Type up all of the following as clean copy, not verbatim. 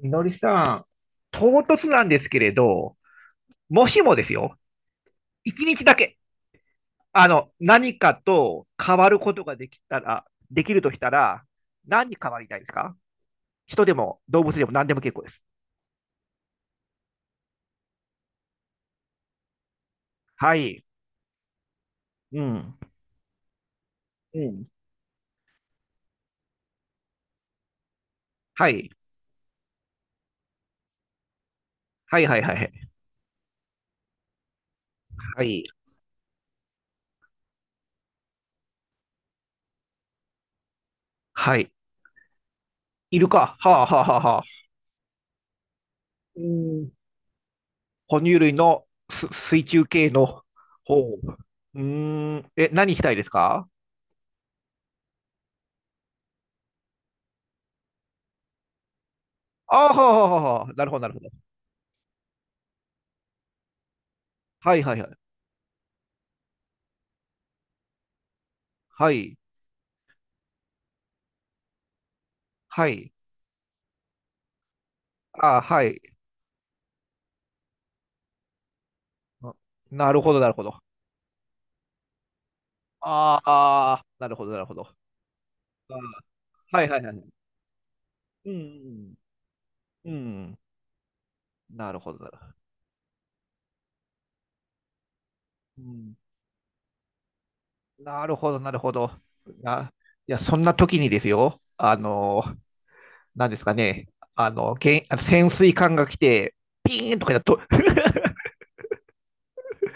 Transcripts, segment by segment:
みのりさん、唐突なんですけれど、もしもですよ、一日だけ、何かと変わることができたら、できるとしたら、何に変わりたいですか？人でも動物でも何でも結構です。はい。うん。うん。はい。はいはいはいはい。はい。はい。イルカ。はあはあはあはあ。うん。哺乳類の水中系の方。うーん。え、何したいですか？ああ、はあはあはあ。なるほどなるほど。はいはいはい。はい。はい。ああ、はい。あ、なるほど、なるほど。ああ、なるほど、なるほど。あ、はいはいはいはい。うん、うん、うん。なるほど、なるほど。うん、なるほど、なるほど。な、いや、そんな時にですよ、なんですかね、あの、けん、あの潜水艦が来て、ピーンとかやっと、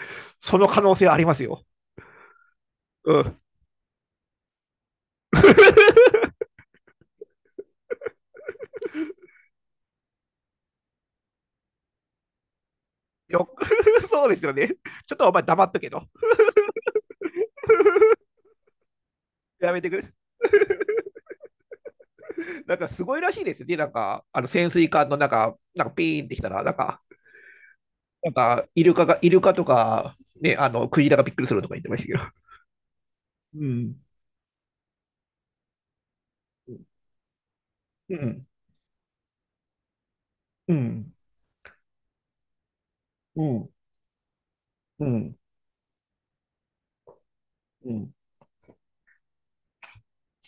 その可能性はありますよ。うん。よ、そうですよね。ちょっとお前黙っとけと、やめてくれ。なんかすごいらしいですよね、なんか、あの潜水艦の中、なんかピーンってきたら、なんか、なんかイルカとか、ね、あのクジラがびっくりするとか言ってましたけど。うん、うん、うん、うん、うん、うん、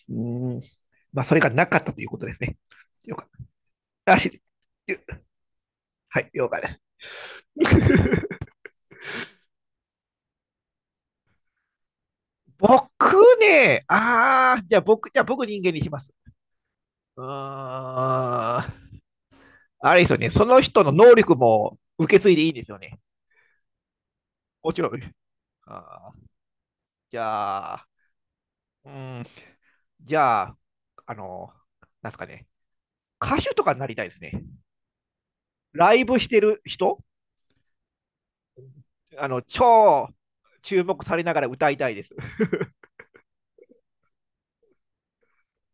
うん。まあ、それがなかったということですね。よかった。あしゆはい、了解です。僕ね、ああ、じゃあ僕人間にします。うーん。あれですよね、その人の能力も受け継いでいいんですよね。もちろん。あー、じゃあ、うん、じゃあ、あの、なんすかね、歌手とかになりたいですね。ライブしてる人、超注目されながら歌いたいです。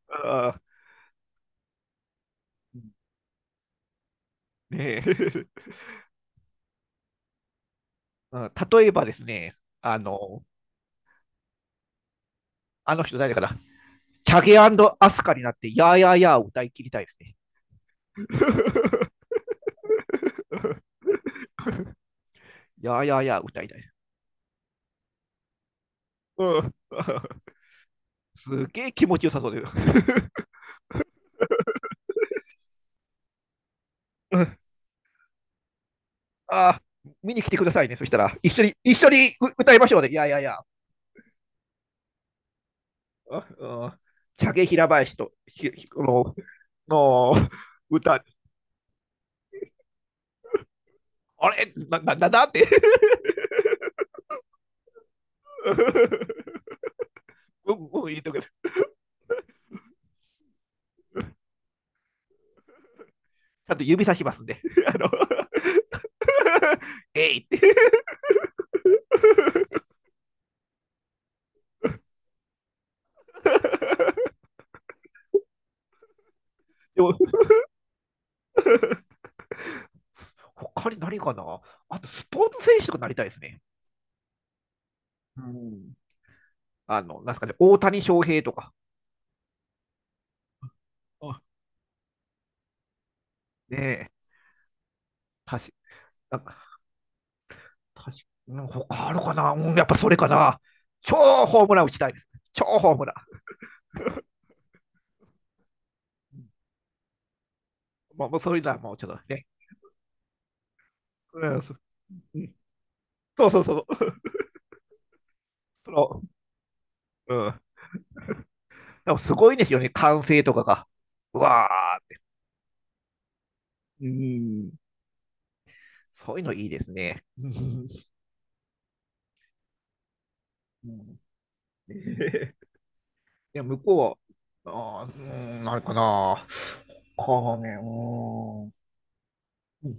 うーねえ うん、例えばですね、あの、あの人誰かな、チャゲアスカになって、やーやーやーを歌い切りたいですね。やーやーやー歌いたい。うん すげえ気持ちよさそうです。うん、あー、見に来てくださいね。そしたら、一緒に歌いましょうね。いやいやいや、うんうん、茶毛平林と、ひひこの、歌、あれな、なんて うんうん、言っとくけど、ちゃんと指さしますんで。あの えいって。でも、他に何かな？あと、スポーツ選手とかなりたいですね。うん、なんすかね、大谷翔平とかあ。ねえ、確かなんか確かに他あるかな、うん、やっぱそれかな。超ホームラン打ちたいですね。超ホームラン。まあ、もうそれだ、もうちょっとね。うん、そうそうそう、のうん、でもすごいですよね、歓声とかが。うわあ、うん、そういうのいいですね。うん、いや、向こうは、うん、なんかな。かね、うん。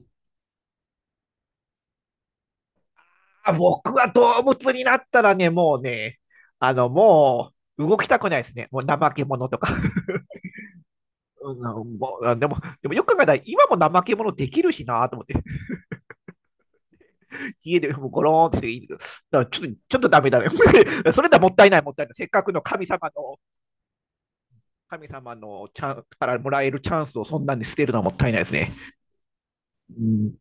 あ、僕は動物になったらね、もうね、もう動きたくないですね。もう怠け者とか。うん、もう、あ、でもよく考えたら、今も怠け者できるしなと思って、家でもうゴローンってしてだから、ちょっとダメだね。それだもったいない、もったいない。せっかくの神様のチャンからもらえるチャンスをそんなんに捨てるのはもったいないですね。うん、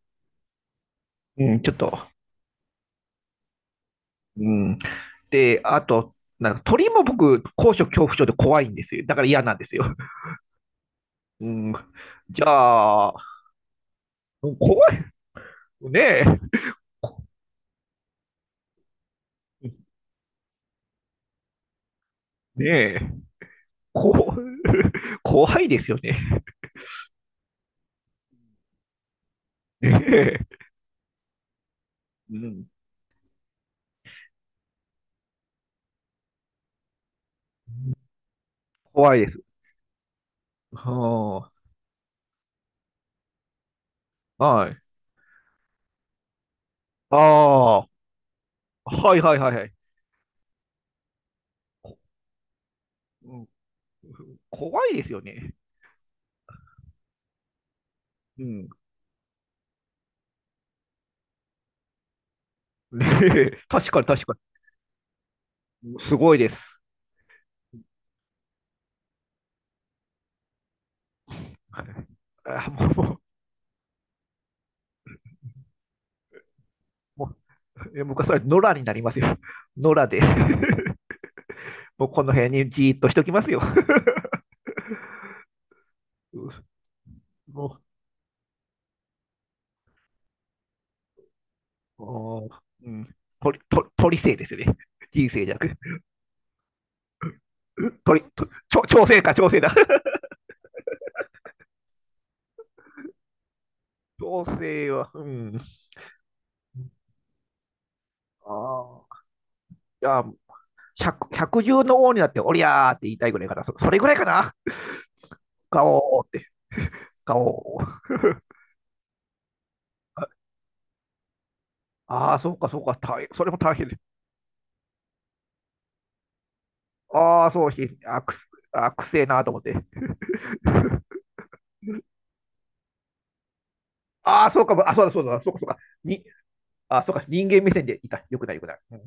うん、ちょっと、うん。で、あと、なんか鳥も僕、高所恐怖症で怖いんですよ。だから嫌なんですよ。うん、じゃあ、怖い。ねえ。こねえ。こ 怖いですよね。ねえ、うん。怖いです。はあ。はい。ああ。はいはいはいはい。こうん、怖いですよね。うん。ねえ、確かに確かに。すごいです。はい、あ、もう、もう、もう、え、僕はそれ、野良になりますよ。野良で。もうこの辺にじーっとしときますよ。もう、うん、鳥、鳥、鳥生ですよね。人生じゃなくて。鳥、と調整か、調整だ。調整は、うん。ああ。じゃあ、百獣の王になって、おりゃーって言いたいぐらいかな。それぐらいかな。ガオーって、ガオー。ああ、そうか、そうか、大変。それも大変で。ああ、そうし、あくす、あくせえなーと思って。ああ、そうか、あ、そうだ、そうだ、そうか、そうか。に、あ、そうか、人間目線でいた。よくない、よくない。うん、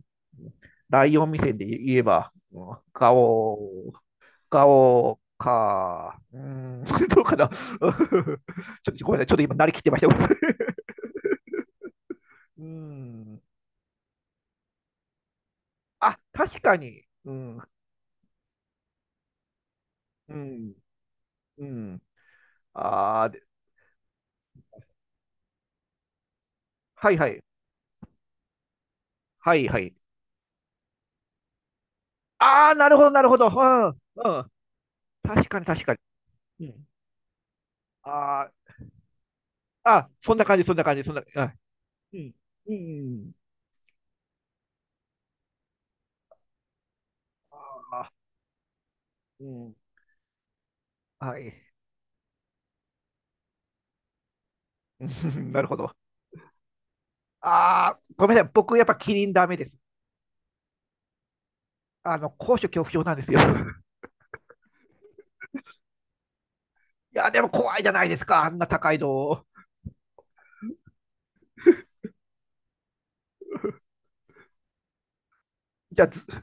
ライオン目線で言えば、ガオー。顔か。うーん、どうかな。うん、ちょっとごめんなさい。ちょっと今、なりきってました。うん。あ、確かに。うん。うん。うん。ああ、で、はいはい。はいはい。ああ、なるほど、なるほど。うん。うん。確かに、確かに。うん。ああ、あ、そんな感じ、そんな感じ、そんな。あ、うん。うん。ああ、うん。はい。なるほど。ああ、ごめんなさい。僕、やっぱキリンダメです。高所恐怖症なんですよ。いや、でも怖いじゃないですか、あんな高いの。じゃあ、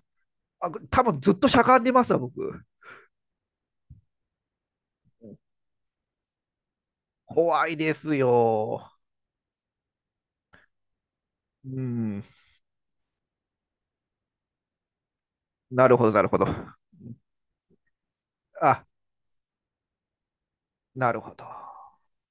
多分ずっとしゃがんでますわ、僕。怖いですよ。うん、なるほど、なるほど。あ、なるほど。